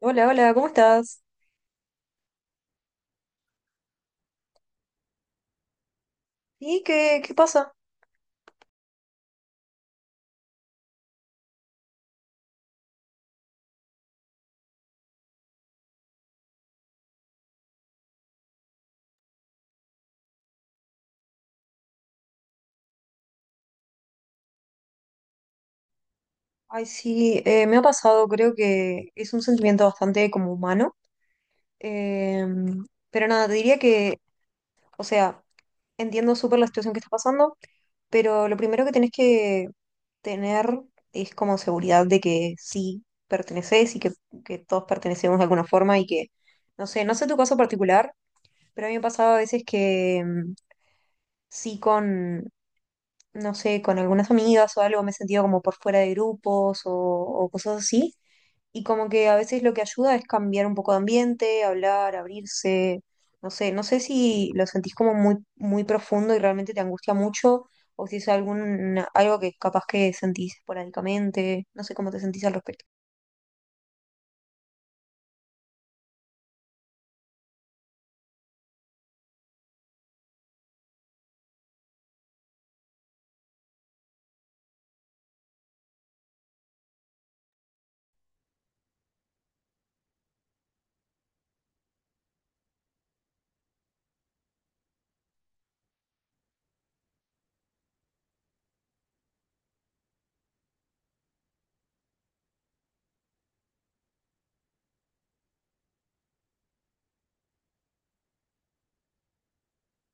Hola, hola, ¿cómo estás? ¿Y qué pasa? Ay, sí, me ha pasado, creo que es un sentimiento bastante como humano. Eh, pero nada, te diría que, o sea, entiendo súper la situación que está pasando, pero lo primero que tenés que tener es como seguridad de que sí perteneces y que todos pertenecemos de alguna forma y que, no sé, no sé tu caso particular, pero a mí me pasaba a veces que sí con no sé, con algunas amigas o algo, me he sentido como por fuera de grupos o cosas así. Y como que a veces lo que ayuda es cambiar un poco de ambiente, hablar, abrirse, no sé, no sé si lo sentís como muy profundo y realmente te angustia mucho o si es algún, algo que capaz que sentís esporádicamente, no sé cómo te sentís al respecto.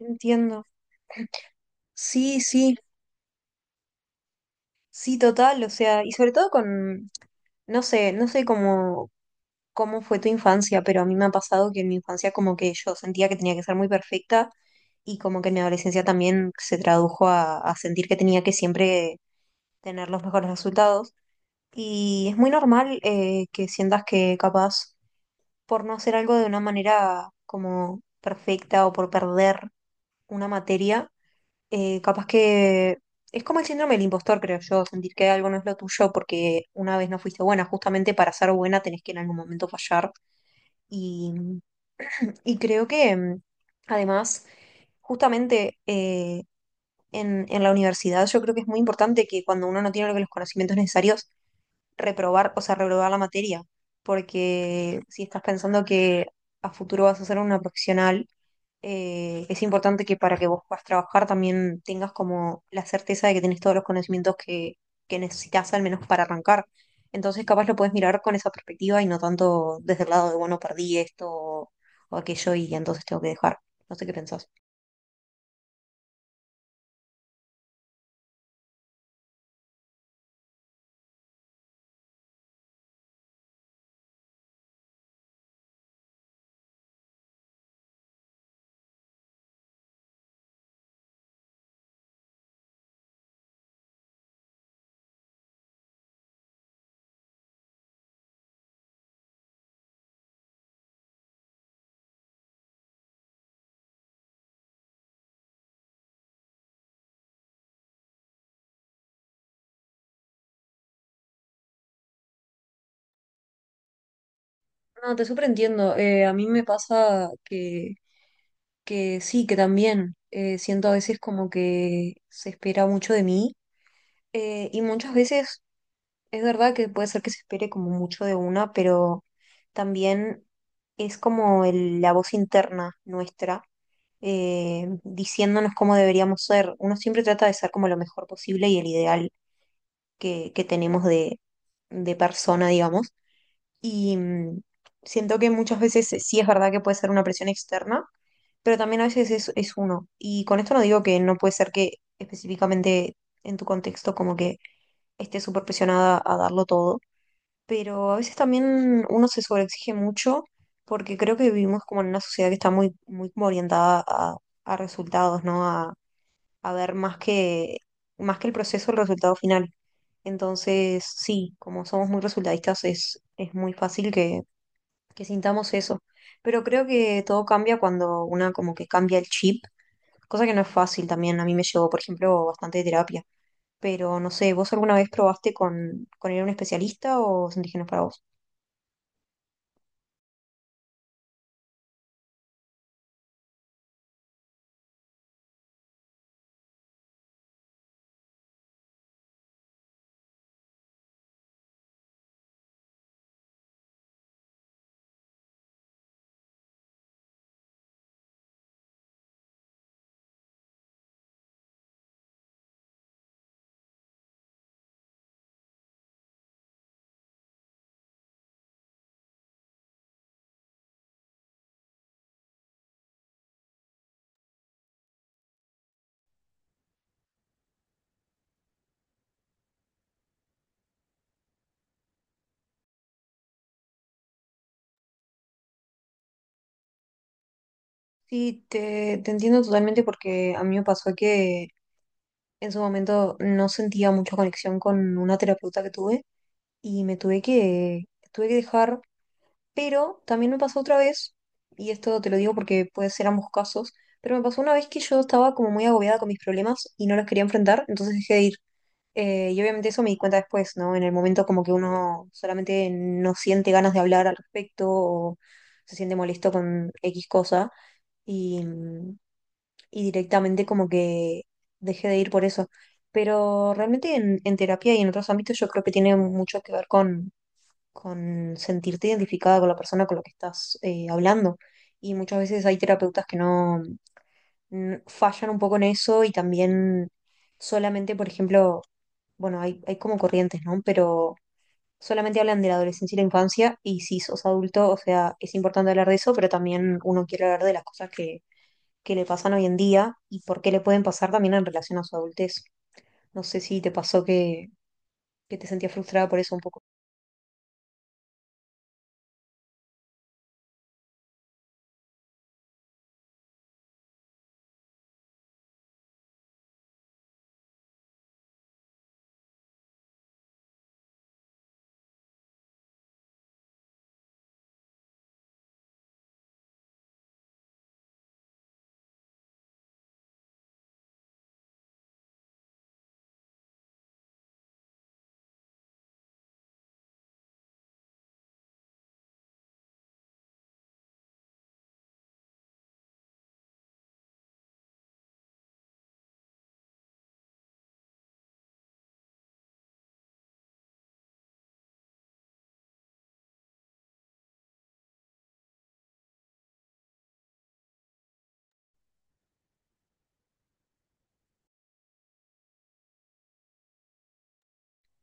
Entiendo. Sí, sí, sí, total, o sea, y sobre todo con, no sé, no sé cómo cómo fue tu infancia, pero a mí me ha pasado que en mi infancia como que yo sentía que tenía que ser muy perfecta y como que en mi adolescencia también se tradujo a sentir que tenía que siempre tener los mejores resultados. Y es muy normal que sientas que capaz por no hacer algo de una manera como perfecta o por perder una materia, capaz que es como el síndrome del impostor, creo yo, sentir que algo no es lo tuyo porque una vez no fuiste buena, justamente para ser buena tenés que en algún momento fallar. Y y creo que además, justamente en la universidad, yo creo que es muy importante que cuando uno no tiene los conocimientos necesarios, reprobar, o sea, reprobar la materia. Porque si estás pensando que a futuro vas a ser una profesional, es importante que para que vos puedas trabajar también tengas como la certeza de que tenés todos los conocimientos que necesitas al menos para arrancar. Entonces capaz lo puedes mirar con esa perspectiva y no tanto desde el lado de, bueno, perdí esto o aquello y entonces tengo que dejar. No sé qué pensás. No, te súper entiendo. A mí me pasa que sí, que también siento a veces como que se espera mucho de mí. Y muchas veces es verdad que puede ser que se espere como mucho de una, pero también es como la voz interna nuestra diciéndonos cómo deberíamos ser. Uno siempre trata de ser como lo mejor posible y el ideal que tenemos de persona, digamos. Y siento que muchas veces sí es verdad que puede ser una presión externa, pero también a veces es uno. Y con esto no digo que no puede ser que específicamente en tu contexto como que estés súper presionada a darlo todo, pero a veces también uno se sobreexige mucho porque creo que vivimos como en una sociedad que está muy como orientada a resultados, ¿no? A ver más que el proceso, el resultado final. Entonces, sí, como somos muy resultadistas, es muy fácil que sintamos eso. Pero creo que todo cambia cuando una como que cambia el chip, cosa que no es fácil también. A mí me llevó, por ejemplo, bastante terapia. Pero no sé, ¿vos alguna vez probaste con ir a un especialista o sentís que no es para vos? Sí, te entiendo totalmente porque a mí me pasó que en su momento no sentía mucha conexión con una terapeuta que tuve y tuve que dejar, pero también me pasó otra vez, y esto te lo digo porque puede ser ambos casos, pero me pasó una vez que yo estaba como muy agobiada con mis problemas y no los quería enfrentar, entonces dejé de ir. Y obviamente eso me di cuenta después, ¿no? En el momento como que uno solamente no siente ganas de hablar al respecto o se siente molesto con X cosa. Y, y directamente como que dejé de ir por eso. Pero realmente en terapia y en otros ámbitos yo creo que tiene mucho que ver con sentirte identificada con la persona con la que estás hablando. Y muchas veces hay terapeutas que no fallan un poco en eso y también solamente, por ejemplo, bueno, hay como corrientes, ¿no? Pero solamente hablan de la adolescencia y la infancia y si sos adulto, o sea, es importante hablar de eso, pero también uno quiere hablar de las cosas que le pasan hoy en día y por qué le pueden pasar también en relación a su adultez. No sé si te pasó que te sentías frustrada por eso un poco.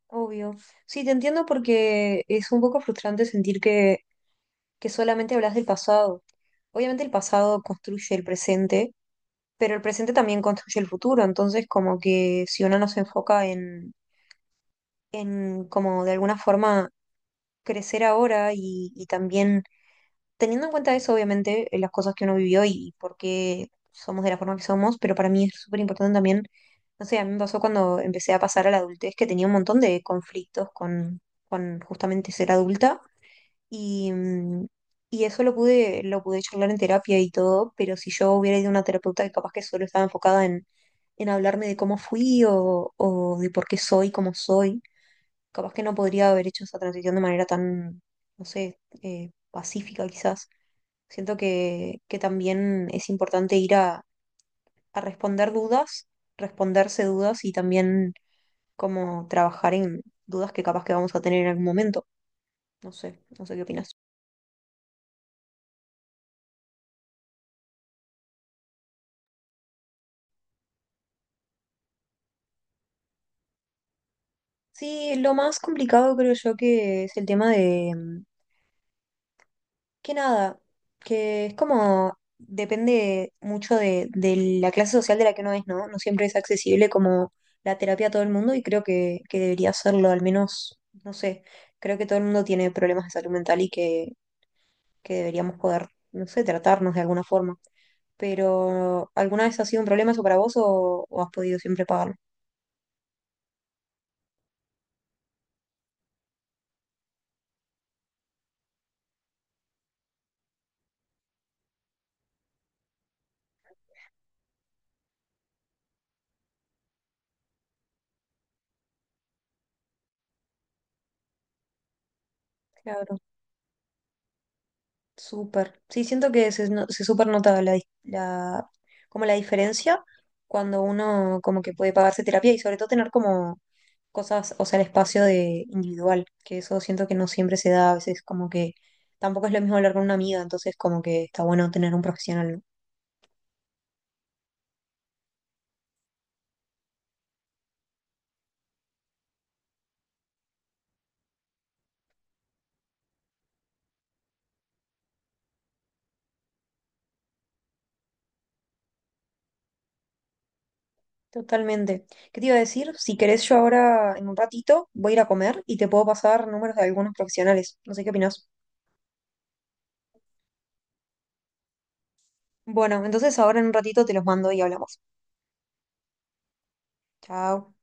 Obvio. Sí, te entiendo porque es un poco frustrante sentir que solamente hablas del pasado. Obviamente el pasado construye el presente, pero el presente también construye el futuro. Entonces, como que si uno no se enfoca en como de alguna forma crecer ahora y también teniendo en cuenta eso, obviamente, las cosas que uno vivió y por qué somos de la forma que somos, pero para mí es súper importante también, no sé, a mí me pasó cuando empecé a pasar a la adultez que tenía un montón de conflictos con justamente ser adulta y, y eso lo pude charlar en terapia y todo, pero si yo hubiera ido a una terapeuta que capaz que solo estaba enfocada en hablarme de cómo fui o de por qué soy como soy, capaz que no podría haber hecho esa transición de manera tan, no sé, pacífica quizás. Siento que también es importante ir a responder dudas, responderse dudas y también como trabajar en dudas que capaz que vamos a tener en algún momento. No sé, no sé qué opinas. Sí, lo más complicado creo yo que es el tema de que nada, que es como depende mucho de la clase social de la que uno es, ¿no? No siempre es accesible como la terapia a todo el mundo y creo que debería serlo, al menos, no sé, creo que todo el mundo tiene problemas de salud mental y que deberíamos poder, no sé, tratarnos de alguna forma. Pero, ¿alguna vez ha sido un problema eso para vos o has podido siempre pagarlo? Claro, súper. Sí, siento que se, se súper nota la, la, como la diferencia cuando uno como que puede pagarse terapia y sobre todo tener como cosas, o sea, el espacio de individual, que eso siento que no siempre se da, a veces como que tampoco es lo mismo hablar con una amiga, entonces como que está bueno tener un profesional. ¿No? Totalmente. ¿Qué te iba a decir? Si querés, yo ahora en un ratito voy a ir a comer y te puedo pasar números de algunos profesionales. No sé qué opinás. Bueno, entonces ahora en un ratito te los mando y hablamos. Chao.